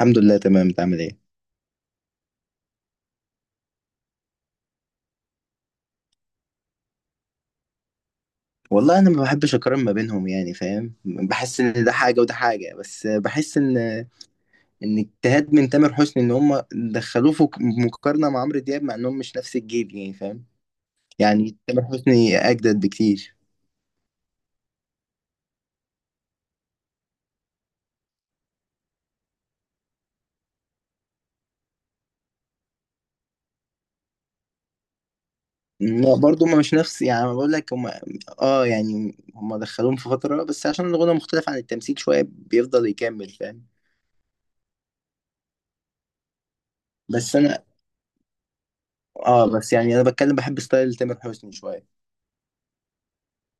الحمد لله تمام، انت عامل ايه؟ والله انا ما بحبش اقارن ما بينهم، يعني فاهم، بحس ان ده حاجه وده حاجه، بس بحس ان اجتهاد من تامر حسني ان هم دخلوه في مقارنه مع عمرو دياب مع انهم مش نفس الجيل، يعني فاهم. يعني تامر حسني اجدد بكتير. لا، برضه ما مش نفس، يعني أنا بقول لك هم اه يعني هم دخلوهم في فتره، بس عشان الغنى مختلف عن التمثيل شويه بيفضل يكمل، فاهم. بس انا اه بس يعني انا بتكلم بحب ستايل تامر حسني شويه،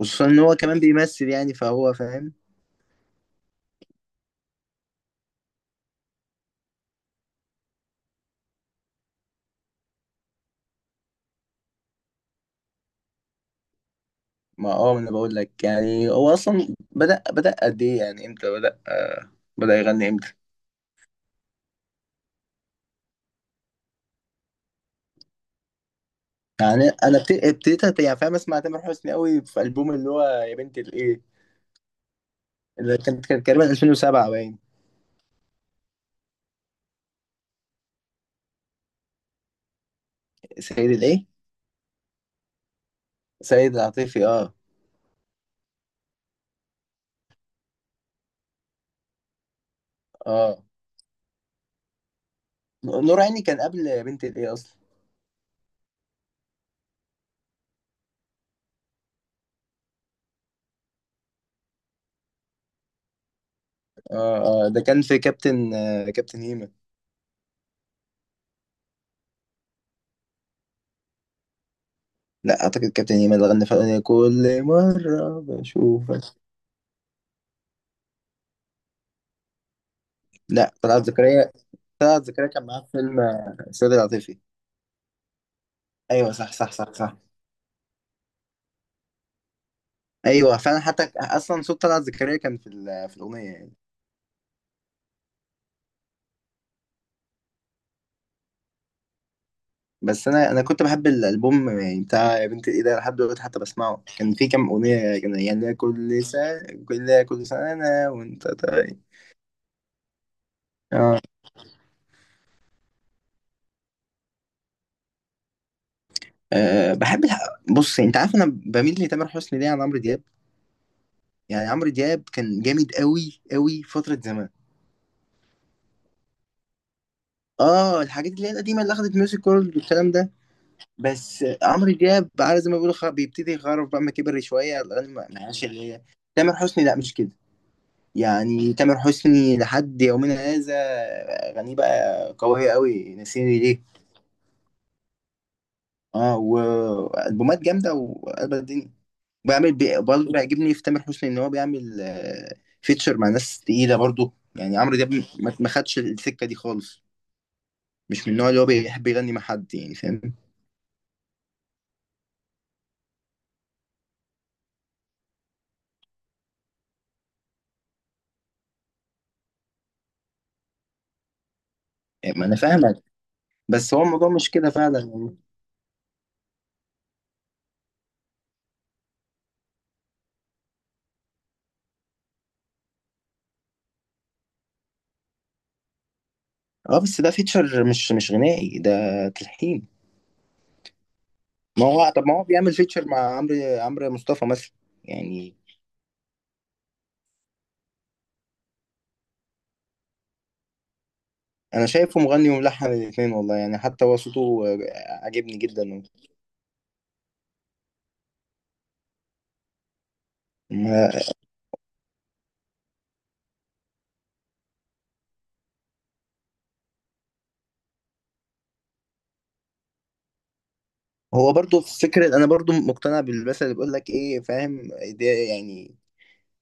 خصوصا ان هو كمان بيمثل يعني فهو فاهم. ما اه ما انا بقول لك، يعني هو اصلا بدأ قد ايه، يعني امتى بدأ آه، بدأ يغني امتى. يعني انا ابتديت يعني فاهم اسمع تامر حسني قوي في البوم اللي هو يا بنت الايه، اللي كان تقريبا 2007 باين. سيد الايه؟ سيد العاطفي، اه اه. نور عيني كان قبل يا بنت الايه اصلا. اه اه، ده كان في كابتن آه، كابتن هيما. لا اعتقد كابتن هيما اللي غنى في الأغنية كل مرة بشوفك. لا طلعت زكريا. طلعت زكريا كان معاه في فيلم آه، سيد العاطفي. ايوه صح صح صح صح. ايوه، فانا حتى اصلا صوت طلعت زكريا كان في الاغنيه يعني. بس انا كنت بحب الالبوم يعني بتاع يا بنت الايه ده لحد دلوقتي حتى بسمعه، كان في كام اغنيه، كان يعني كل سنه، كل سنه أنا وانت طيب، اه. آه، بحب بص، يعني انت عارف انا بميل لتامر حسني ليه عن عمرو دياب. يعني عمرو دياب كان جامد قوي قوي فتره زمان، اه الحاجات اللي هي القديمه اللي اخدت ميوزك وورلد والكلام ده. بس عمرو دياب على زي ما بيقولوا بيبتدي يخرف بقى ما كبر شويه، الاغاني ما هياش اللي هي. تامر حسني لا مش كده، يعني تامر حسني لحد يومنا هذا اغانيه بقى قويه قوي، نسيني ليه اه، والبومات جامده وقلب الدنيا. برضه بيعجبني في تامر حسني ان هو بيعمل آه، فيتشر مع ناس تقيله، برضه يعني عمرو دياب ما خدش السكه دي خالص، مش من النوع اللي هو بيحب يغني مع حد يعني فاهم. يعني ما انا فاهمك، بس هو الموضوع مش كده فعلا يعني. اه بس ده فيتشر، مش غنائي ده، تلحين. ما هو طب ما هو بيعمل فيتشر مع عمرو، عمرو مصطفى مثلا. يعني انا شايفه مغني وملحن الاثنين والله، يعني حتى هو صوته آه، عاجبني جدا. ما- هو برضو في فكرة، انا برضو مقتنع بالمثل اللي بيقول لك ايه فاهم، ده يعني،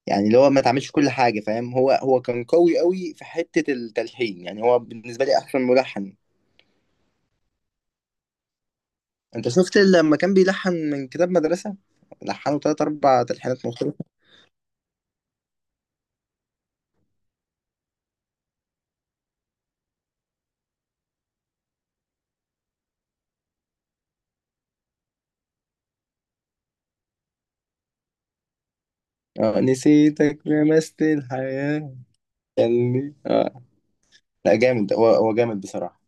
يعني اللي هو ما تعملش كل حاجة فاهم. هو كان قوي قوي في حتة التلحين، يعني هو بالنسبة لي احسن ملحن. انت شفت لما كان بيلحن من كتاب مدرسة، لحنوا تلات اربع تلحينات مختلفة. آه، نسيتك، لمست الحياة، خلني، آه. لا جامد ده، هو جامد بصراحة.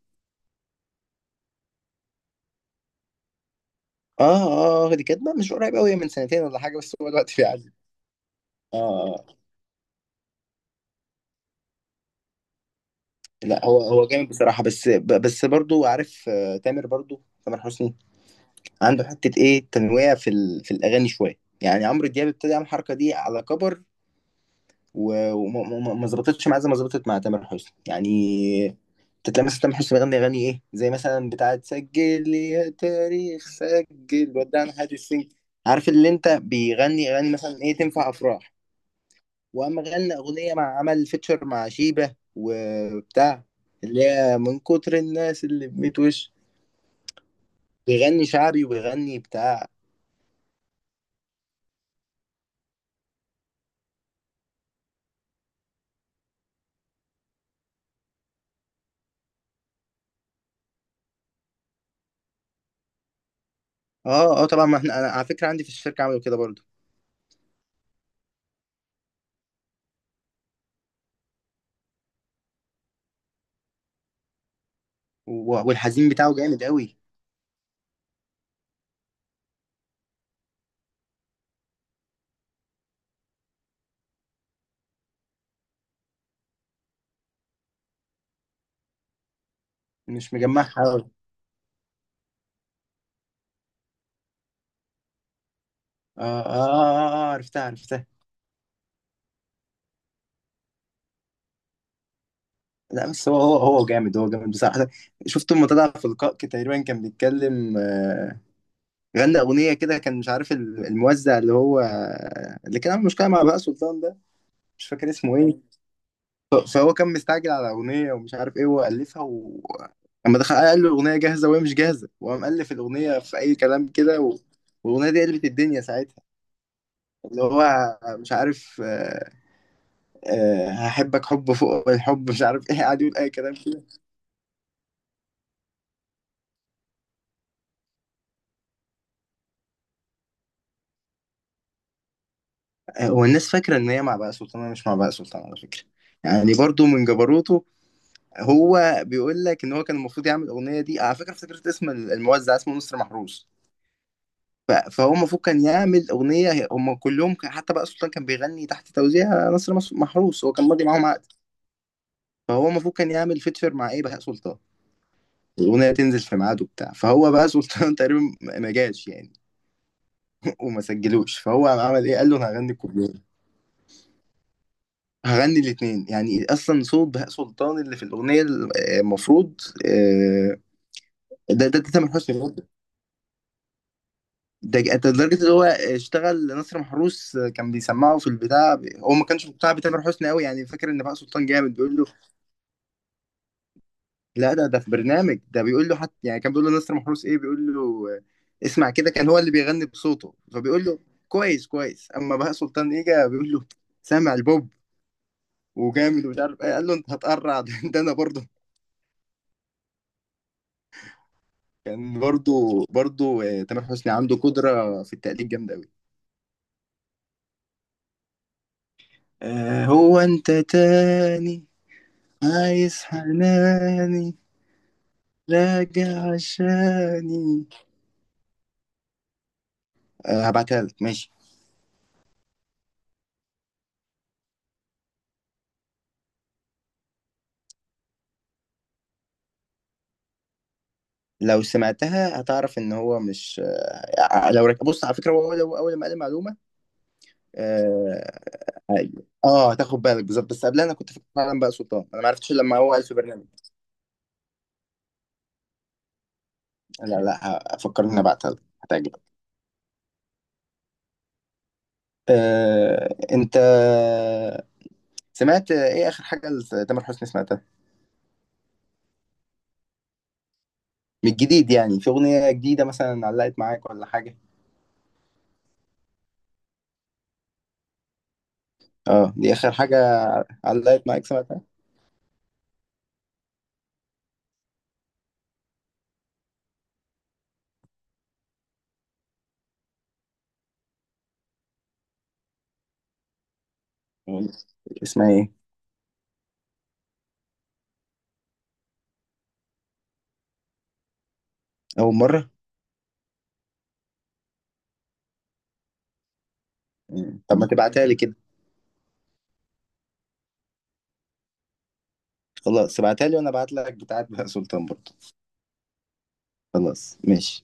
اه اه، دي كانت بقى مش قريب قوي، من سنتين ولا حاجة، بس هو الوقت فيه عادي، اه. آه. اه. لا هو جامد بصراحة، بس بس برضو عارف آه، تامر، برضو تامر حسني عنده حتة ايه، تنويع في في الأغاني شوية، يعني عمرو دياب ابتدى يعمل الحركة دي على كبر، و- وما ما- ما- ما ظبطتش معاه زي ما ظبطت مع تامر حسني يعني. تلاقي مثلا تامر حسني بيغني اغاني ايه، زي مثلا بتاعه سجل لي يا تاريخ سجل، ودعنا، هادي السجن. عارف اللي انت، بيغني اغاني مثلا ايه تنفع افراح، واما غنى اغنيه مع عمل فيتشر مع شيبه وبتاع اللي هي من كتر الناس اللي بميت وش، بيغني شعبي وبيغني بتاع. اه اه طبعا، ما احنا انا على فكره عندي في الشركه عملوا كده برضو. والحزين بتاعه جامد قوي. مش مجمعها قوي. آه، آه، آه، اه عرفتها عرفتها. لا بس هو جامد، هو جامد بصراحة. شفته لما طلع في لقاء كده تقريبا كان بيتكلم آه، غنى أغنية كده، كان مش عارف الموزع اللي هو اللي كان عامل مشكلة مع بهاء سلطان ده، مش فاكر اسمه ايه. فهو كان مستعجل على أغنية ومش عارف ايه وألفها و... لما دخل قال له الأغنية جاهزة وهي مش جاهزة، وقام ألف الأغنية في أي كلام كده و... والأغنية دي قلبت الدنيا ساعتها. اللي هو مش عارف آه، آه، هحبك حب فوق الحب مش عارف ايه، قاعد يقول أي كلام كده. هو الناس فاكرة إن هي مع بهاء سلطان، أنا مش مع بهاء سلطان على فكرة، يعني برضو من جبروته. هو بيقول لك إن هو كان المفروض يعمل الأغنية دي، على فكرة افتكرت اسم الموزع، اسمه نصر محروس. فهو المفروض كان يعمل أغنية، حتى بهاء سلطان كان بيغني تحت توزيع نصر محروس، هو كان ماضي معاهم عقد. فهو المفروض كان يعمل فيتشر مع إيه، بهاء سلطان، الأغنية تنزل في ميعاده بتاع، فهو بهاء سلطان تقريبا ما جاش يعني. وما سجلوش، فهو عمل إيه، قال له أنا هغني الكوبليه، هغني الاتنين، يعني اصلا صوت بهاء سلطان اللي في الاغنيه المفروض آه، ده تامر حسني برضه. ده لدرجه ان هو اشتغل نصر محروس آه، كان بيسمعه في البتاع، هو ما كانش مقتنع بتامر حسني قوي، يعني فاكر ان بهاء سلطان جامد، بيقول له لا. ده في برنامج، ده بيقول له حتى يعني كان بيقول له نصر محروس ايه، بيقول له آه، اسمع كده، كان هو اللي بيغني بصوته، فبيقول له كويس كويس. اما بهاء سلطان اجى، بيقول له سامع البوب وجامد ومش عارف ايه، قال له انت هتقرع. ده انا برضه كان برضو آه، تامر حسني عنده قدرة في التقليد جامدة أوي. آه، هو أنت تاني، عايز حناني، راجع عشاني. آه، هبعتها لك ماشي. لو سمعتها هتعرف إن هو مش، آه، بص، على فكرة هو أول ما قال المعلومة آه، أيوه. آه، هتاخد بالك بالظبط، بس قبلها أنا كنت فاكر فعلا بقى سلطان، أنا ما عرفتش لما هو قال في برنامج. لا لا، هفكر إن أنا هبعتها لك هتعجبك. آه، أنت سمعت ايه اخر حاجه لتامر حسني سمعتها من الجديد، يعني في اغنيه جديده مثلا، علقت معاك ولا حاجه؟ اه دي اخر حاجه، علقت معاك سمعتها؟ اسمها ايه؟ اول مره. مم، طب ما تبعتها لي كده. خلاص ابعتها لي وانا ابعت لك بتاعت بهاء سلطان برضه. خلاص ماشي.